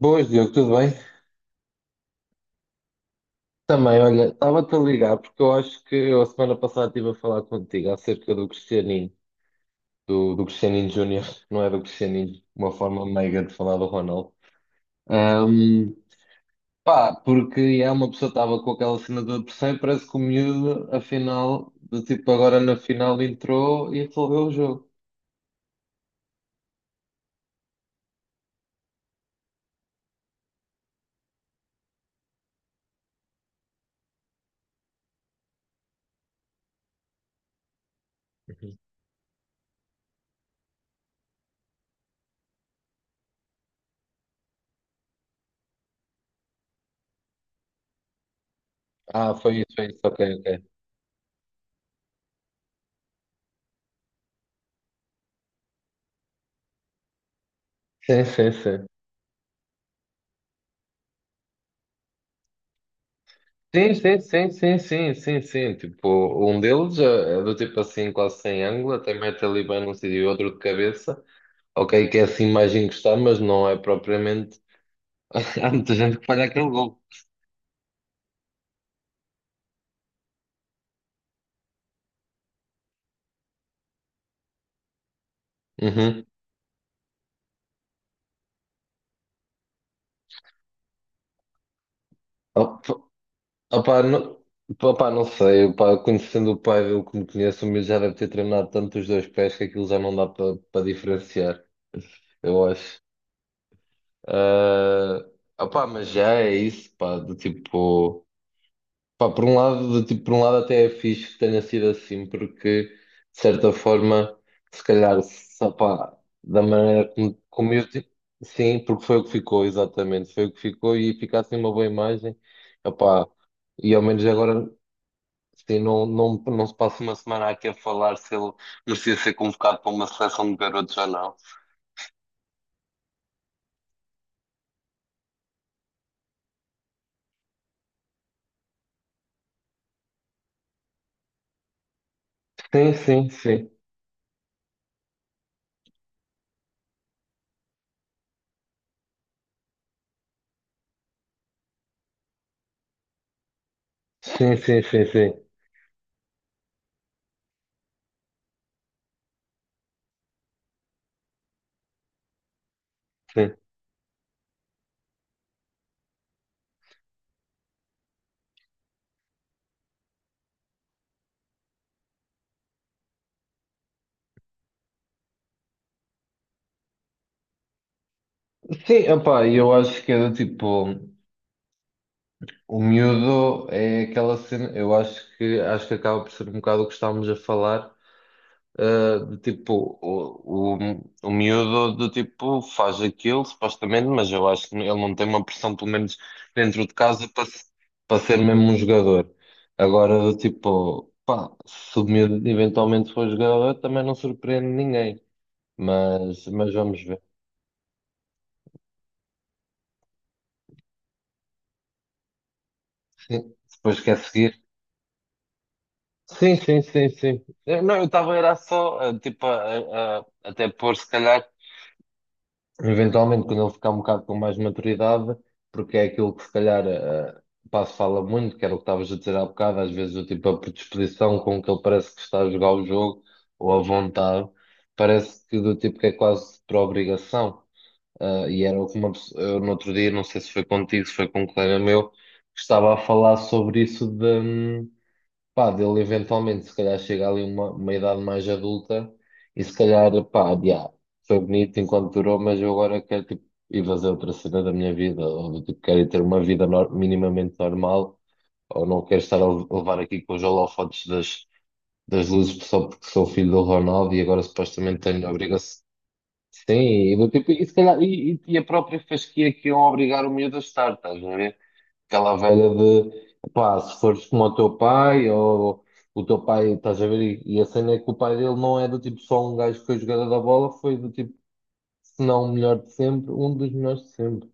Boas, Diogo, tudo bem? Também, olha, estava-te a ligar porque eu acho que eu a semana passada estive a falar contigo acerca do Cristianinho, do Cristianinho Júnior, não é do Cristianinho, uma forma meiga de falar do Ronaldo. Ahm, pá, porque é uma pessoa estava com aquela cena do pressão parece que o miúdo, afinal, do tipo agora na final entrou e resolveu o jogo. Uhum. Ah, foi isso, ok, ok. Sim, sim, sim. Sim, sim, sim, sim, sim, sim, sim. Tipo, um deles é do tipo assim, quase sem ângulo, até mete ali bem num sítio e outro de cabeça. Ok, que é assim mais encostado, mas não é propriamente. Há muita gente que falha aquele gol. Uhum. Opa, opa, não, opa, não sei, opa, conhecendo o pai Pavel como conheço, o meu já deve ter treinado tanto os dois pés que aquilo já não dá para diferenciar, eu acho. ah Opa, mas já é isso, pá, do tipo. Pá, por um lado, tipo, por um lado até é fixe que tenha sido assim, porque de certa forma, se calhar, só, pá, da maneira como eu tipo, sim, porque foi o que ficou, exatamente, foi o que ficou e fica assim uma boa imagem, opá, e ao menos agora, sim, não, não se passa uma semana aqui a falar se ele merecia ser convocado para uma seleção de garotos ou não. Sim, sim, sim, sim, sim, sim, sim, sim, sim, opá, eu acho que é do tipo. O miúdo é aquela cena, eu acho que acaba por ser um bocado o que estávamos a falar, de tipo, o miúdo do tipo faz aquilo, supostamente, mas eu acho que ele não tem uma pressão, pelo menos dentro de casa, para, para ser mesmo um jogador. Agora, do tipo, pá, se o miúdo eventualmente for jogador, também não surpreende ninguém, mas vamos ver. Depois quer seguir. Sim, sim, sim, sim. Não, eu estava era só, tipo, até pôr, se calhar, eventualmente, quando ele ficar um bocado com mais maturidade, porque é aquilo que, se calhar, o Passo fala muito, que era o que estavas a dizer há bocado, às vezes, o tipo, a predisposição com que ele parece que está a jogar o jogo, ou a vontade, parece que do tipo que é quase por obrigação. E era o que uma pessoa, eu, no outro dia, não sei se foi contigo, se foi com um colega meu, que estava a falar sobre isso pá, dele eventualmente, se calhar chega ali uma idade mais adulta e se calhar, pá, já, foi bonito enquanto durou, mas eu agora quero, tipo, ir fazer outra cena da minha vida, ou do tipo, quero ir ter uma vida minimamente normal, ou não quero estar a levar aqui com os holofotes das, das luzes só porque sou filho do Ronaldo e agora supostamente tenho a obrigação. Sim, e, do tipo, e, se calhar, e a própria fasquia que iam obrigar o miúdo a estar, estás a ver? Aquela velha de, pá, se fores como o teu pai, ou o teu pai, estás a ver? E a cena é que o pai dele não é do tipo só um gajo que foi jogador da bola, foi do tipo, se não o melhor de sempre, um dos melhores de sempre.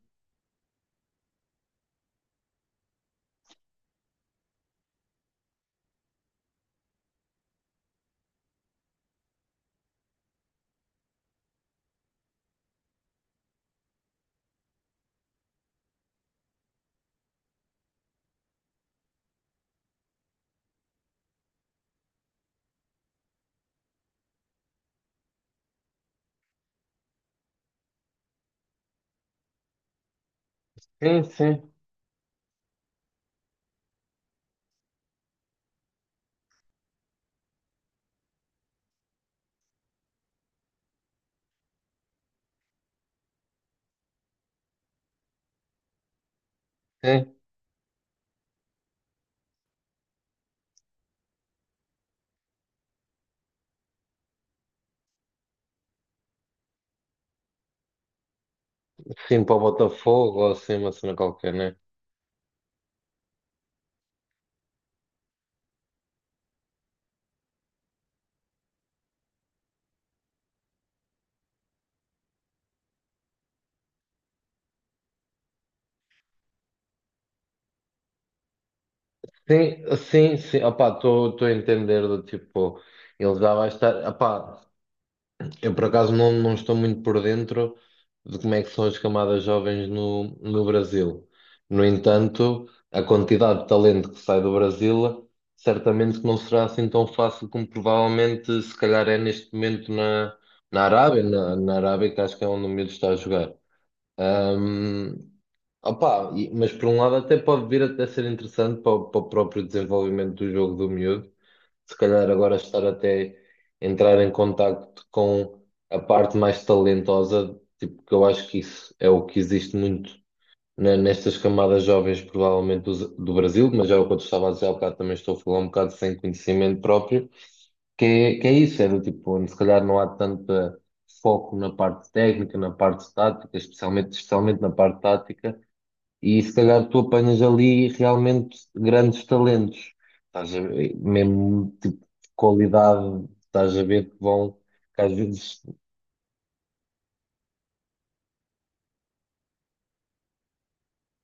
Sim, sim, sim. Sim, para o Botafogo, ou assim, uma cena qualquer, né? Sim, sim, sim. Opá, estou a entender do tipo, ele já vai estar. Opá, eu, por acaso, não, não estou muito por dentro de como é que são as camadas jovens no, no Brasil. No entanto, a quantidade de talento que sai do Brasil certamente que não será assim tão fácil como provavelmente se calhar é neste momento na, na Arábia, que acho que é onde o miúdo está a jogar. Opa, mas por um lado até pode vir até ser interessante para, o para o próprio desenvolvimento do jogo do miúdo, se calhar agora estar até entrar em contacto com a parte mais talentosa, tipo, que eu acho que isso é o que existe muito nestas camadas jovens, provavelmente do Brasil, mas já é o que eu te estava a dizer há bocado, também estou a falar um bocado sem conhecimento próprio, que é isso, é do tipo, onde se calhar não há tanto foco na parte técnica, na parte tática, especialmente na parte tática e se calhar tu apanhas ali realmente grandes talentos. Estás a ver, mesmo tipo qualidade, estás a ver que vão, que às vezes.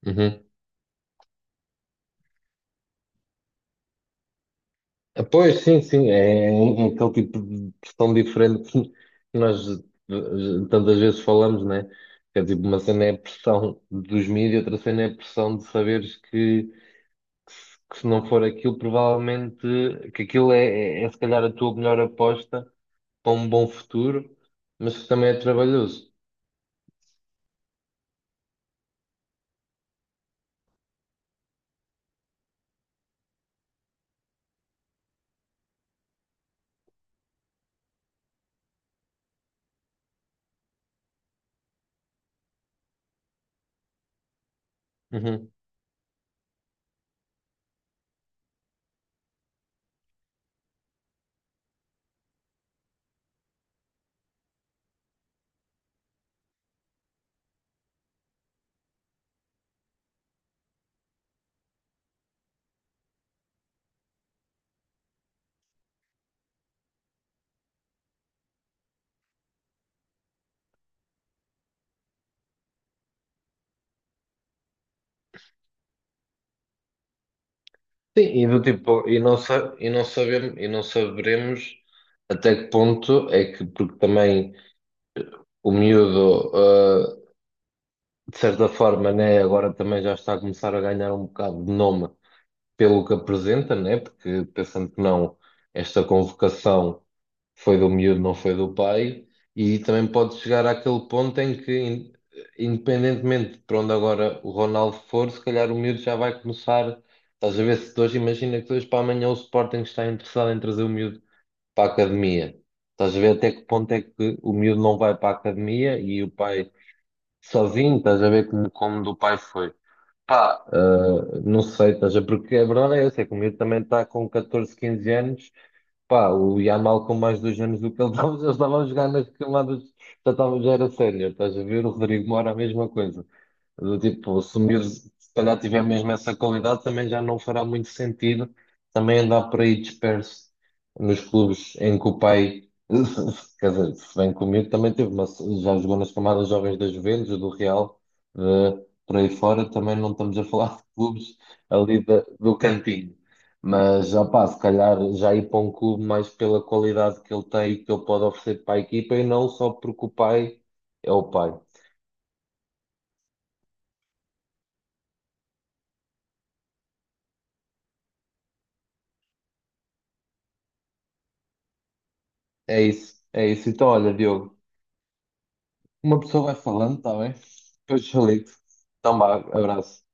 Uhum. Ah, pois sim, sim, é aquele tipo de questão diferente que nós tantas vezes falamos, né? Que é tipo, uma cena é a pressão dos mídias, outra cena é a pressão de saberes que, que se não for aquilo, provavelmente que aquilo é se calhar a tua melhor aposta para um bom futuro, mas que também é trabalhoso. Uhum. Sim, e do tipo, e não, e não sabemos, e não saberemos até que ponto é que, porque também o miúdo, ah, de certa forma, né, agora também já está a começar a ganhar um bocado de nome pelo que apresenta, né? Porque pensando que não, esta convocação foi do miúdo, não foi do pai, e também pode chegar àquele ponto em que, independentemente de para onde agora o Ronaldo for, se calhar o miúdo já vai começar. Estás a ver se de hoje, imagina que de hoje para amanhã o Sporting está interessado em trazer o miúdo para a academia. Estás a ver até que ponto é que o miúdo não vai para a academia e o pai sozinho, estás a ver como, como do pai foi. Pá, não sei, estás porque a verdade é essa, é que o miúdo também está com 14, 15 anos, pá, o Yamal com mais dois anos do que ele estava, já estava a jogar nas camadas, já estava, já era sénior, estás a ver? O Rodrigo Moura a mesma coisa. Do tipo, se o miúdo se calhar tiver mesmo essa qualidade, também já não fará muito sentido também andar por aí disperso nos clubes em que o pai, quer dizer, se bem comigo, também teve, mas já jogou nas camadas jovens da Juventus, do Real, eh, por aí fora, também não estamos a falar de clubes ali do cantinho. Mas, opá, se calhar já ir para um clube mais pela qualidade que ele tem e que ele pode oferecer para a equipa e não só porque o pai. É isso, é isso. Então, olha, Diogo. Uma pessoa vai falando, está bem? Depois eu ligo. Então, vá, abraço.